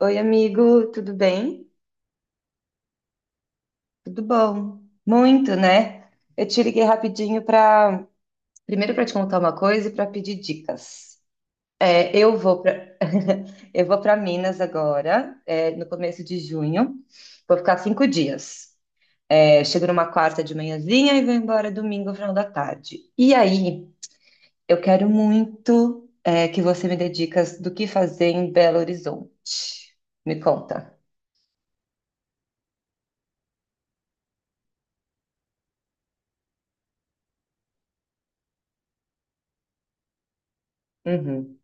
Oi, amigo, tudo bem? Tudo bom? Muito, né? Eu te liguei rapidinho para, primeiro para te contar uma coisa e para pedir dicas. É, eu vou para eu vou para Minas agora, é, no começo de junho. Vou ficar 5 dias. É, chego numa quarta de manhãzinha e vou embora domingo, ao final da tarde. E aí, eu quero muito, é, que você me dê dicas do que fazer em Belo Horizonte. Me conta. Uhum.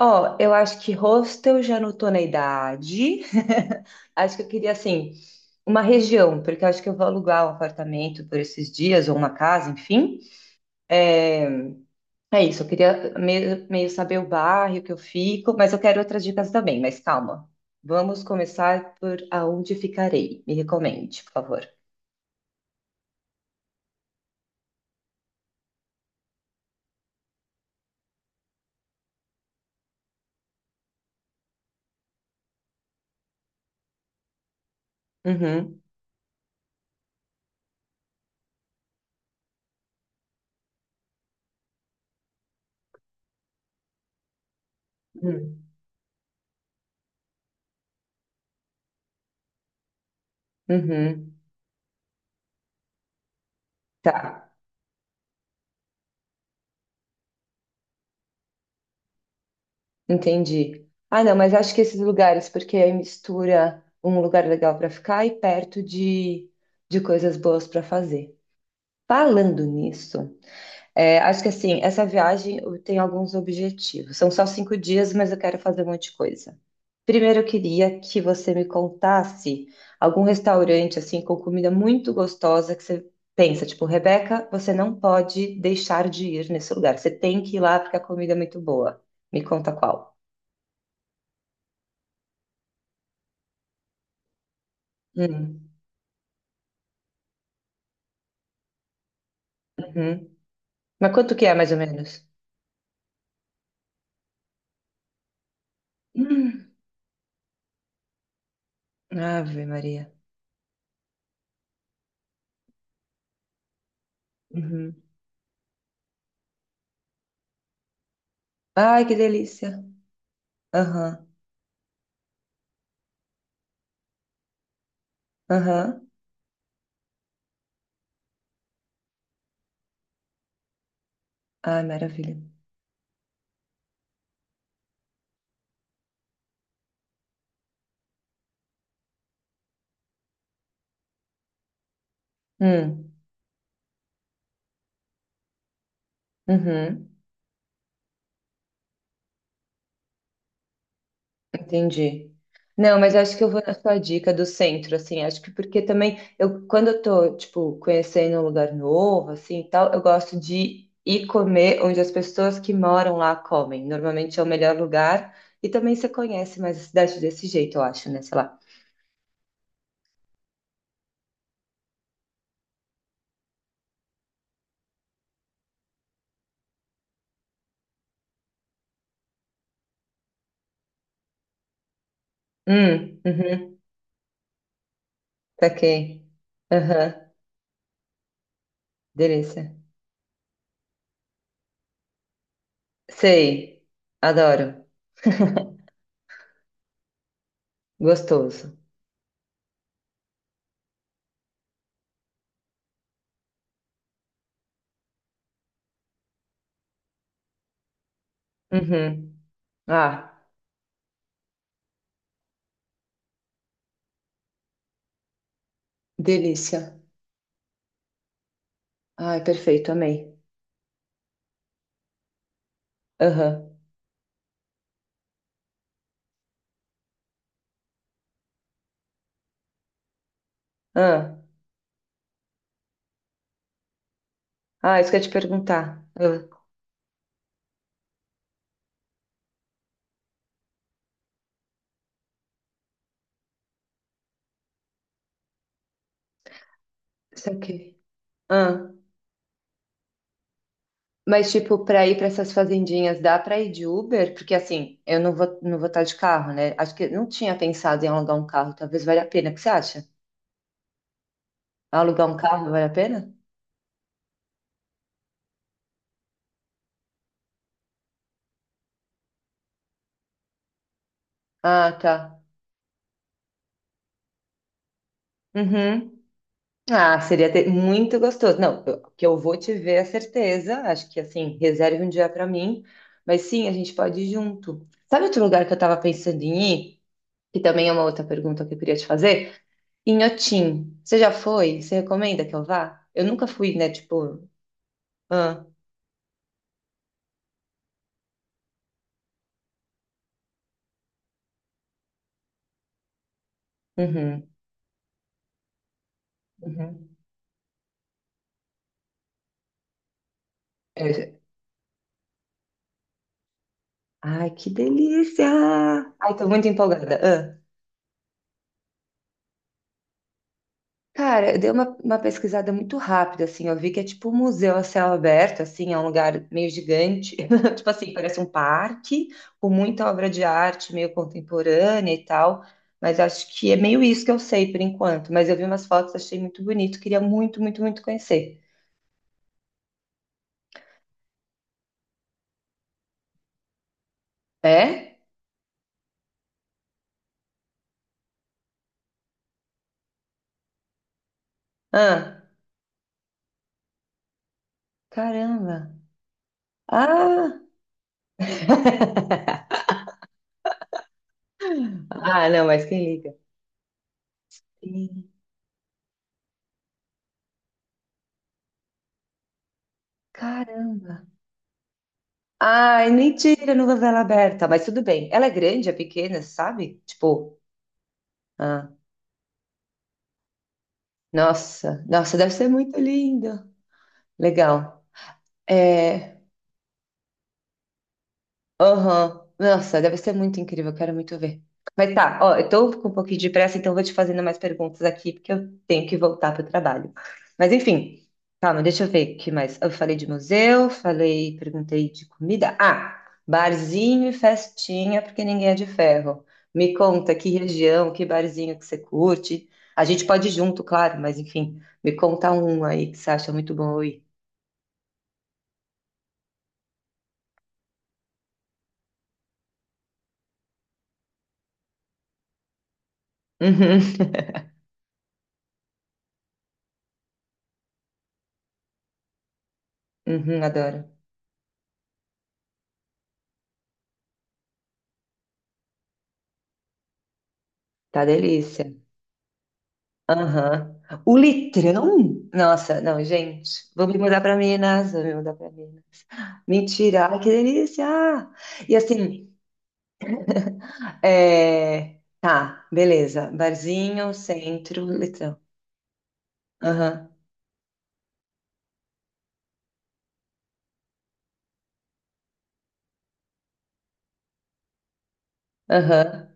Ó, eu acho que hostel já não tô na idade. Acho que eu queria, assim, uma região, porque eu acho que eu vou alugar um apartamento por esses dias, ou uma casa, enfim. É, é isso, eu queria meio saber o bairro que eu fico, mas eu quero outras dicas também, mas calma. Vamos começar por aonde ficarei. Me recomende, por favor. Uhum. Uhum. Uhum. Tá. Entendi. Ah, não, mas acho que esses lugares, porque aí mistura um lugar legal para ficar e perto de coisas boas para fazer. Falando nisso, é, acho que assim, essa viagem eu tenho alguns objetivos. São só 5 dias, mas eu quero fazer um monte de coisa. Primeiro, eu queria que você me contasse algum restaurante assim com comida muito gostosa que você pensa, tipo, Rebeca, você não pode deixar de ir nesse lugar. Você tem que ir lá porque a comida é muito boa. Me conta qual. Hum. Uhum. Mas quanto que é, mais ou menos? Hum. Ave Maria. Uhum. Ai, que delícia. Aham, aham. Ai, maravilha. Hum. Uhum. Entendi. Não, mas acho que eu vou na sua dica do centro, assim, acho que porque também eu, quando eu tô, tipo, conhecendo um lugar novo, assim, e tal, eu gosto de ir comer onde as pessoas que moram lá comem. Normalmente é o melhor lugar e também você conhece mais a cidade desse jeito, eu acho, né? Sei lá. Uhum. Saquei. Aham. Delícia. Sei. Adoro. Gostoso. Uhum. Ah, delícia. Ai, perfeito. Amei. Aham. Ah. Ah, isso que eu ia te perguntar. Ah, saquei. Ah. Mas, tipo, pra ir pra essas fazendinhas, dá pra ir de Uber? Porque, assim, eu não vou, não vou estar de carro, né? Acho que eu não tinha pensado em alugar um carro. Talvez valha a pena. O que você acha? Alugar um carro vale a pena? Ah, tá. Uhum. Ah, muito gostoso. Não, que eu vou te ver é certeza. Acho que assim, reserve um dia para mim. Mas sim, a gente pode ir junto. Sabe outro lugar que eu tava pensando em ir? Que também é uma outra pergunta que eu queria te fazer? Inhotim. Você já foi? Você recomenda que eu vá? Eu nunca fui, né? Tipo, ah, uhum, uhum. Eu- Ai, que delícia! Ai, tô muito empolgada. Cara, eu dei uma pesquisada muito rápida, assim, eu vi que é tipo um museu a céu aberto, assim, é um lugar meio gigante, tipo assim, parece um parque, com muita obra de arte, meio contemporânea e tal, mas acho que é meio isso que eu sei por enquanto, mas eu vi umas fotos, achei muito bonito, queria muito, muito, muito conhecer. É? Ah, caramba. Ah, ah, não, mas quem liga? Sim. Caramba. Ai, mentira, não novela aberta, mas tudo bem. Ela é grande, é pequena, sabe? Tipo, ah, nossa, nossa, deve ser muito lindo. Legal. É, aham. Nossa, deve ser muito incrível, quero muito ver. Mas tá, ó, eu tô com um pouquinho de pressa, então eu vou te fazendo mais perguntas aqui, porque eu tenho que voltar pro trabalho. Mas enfim, calma, deixa eu ver o que mais. Eu falei de museu, falei, perguntei de comida. Ah, barzinho e festinha, porque ninguém é de ferro. Me conta que região, que barzinho que você curte. A gente pode ir junto, claro, mas enfim, me conta um aí que você acha muito bom eu ir. Uhum, uhum, adoro. Tá delícia. Aham. O litrão? Nossa, não, gente. Vou me mudar pra Minas, vou me mudar pra Minas. Mentira, ai, que delícia! E assim, é... tá, beleza. Barzinho, centro, litrão. Aham, aham,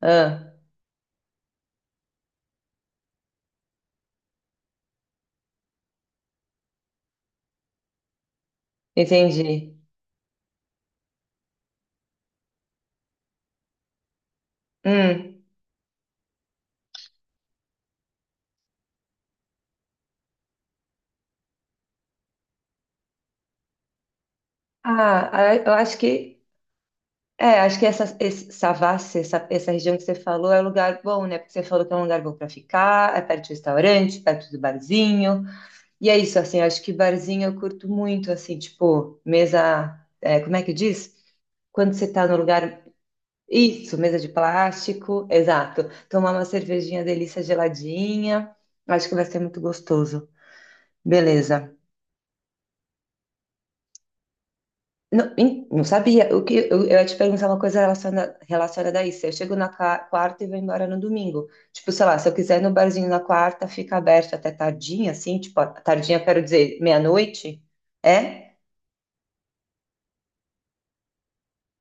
ah, entendi. Hum. Ah, ah, eu acho que, Savassi, essa região que você falou é um lugar bom, né? Porque você falou que é um lugar bom para ficar, é perto do restaurante, perto do barzinho. E é isso, assim, acho que barzinho eu curto muito, assim, tipo, mesa, é, como é que diz? Quando você tá no lugar, isso, mesa de plástico, exato. Tomar uma cervejinha delícia geladinha, acho que vai ser muito gostoso. Beleza. Não, não sabia, o que eu ia te perguntar uma coisa relacionada a isso. Eu chego na quarta e vou embora no domingo. Tipo, sei lá, se eu quiser ir no barzinho na quarta, fica aberto até tardinha, assim, tipo, tardinha, eu quero dizer, meia-noite, é?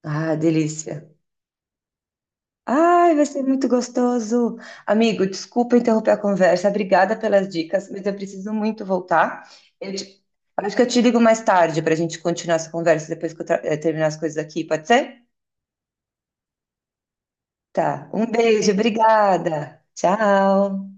Ah, delícia. Ai, vai ser muito gostoso. Amigo, desculpa interromper a conversa. Obrigada pelas dicas, mas eu preciso muito voltar. Eu te- Acho que eu te ligo mais tarde para a gente continuar essa conversa depois que eu terminar as coisas aqui, pode ser? Tá. Um beijo, obrigada. Tchau.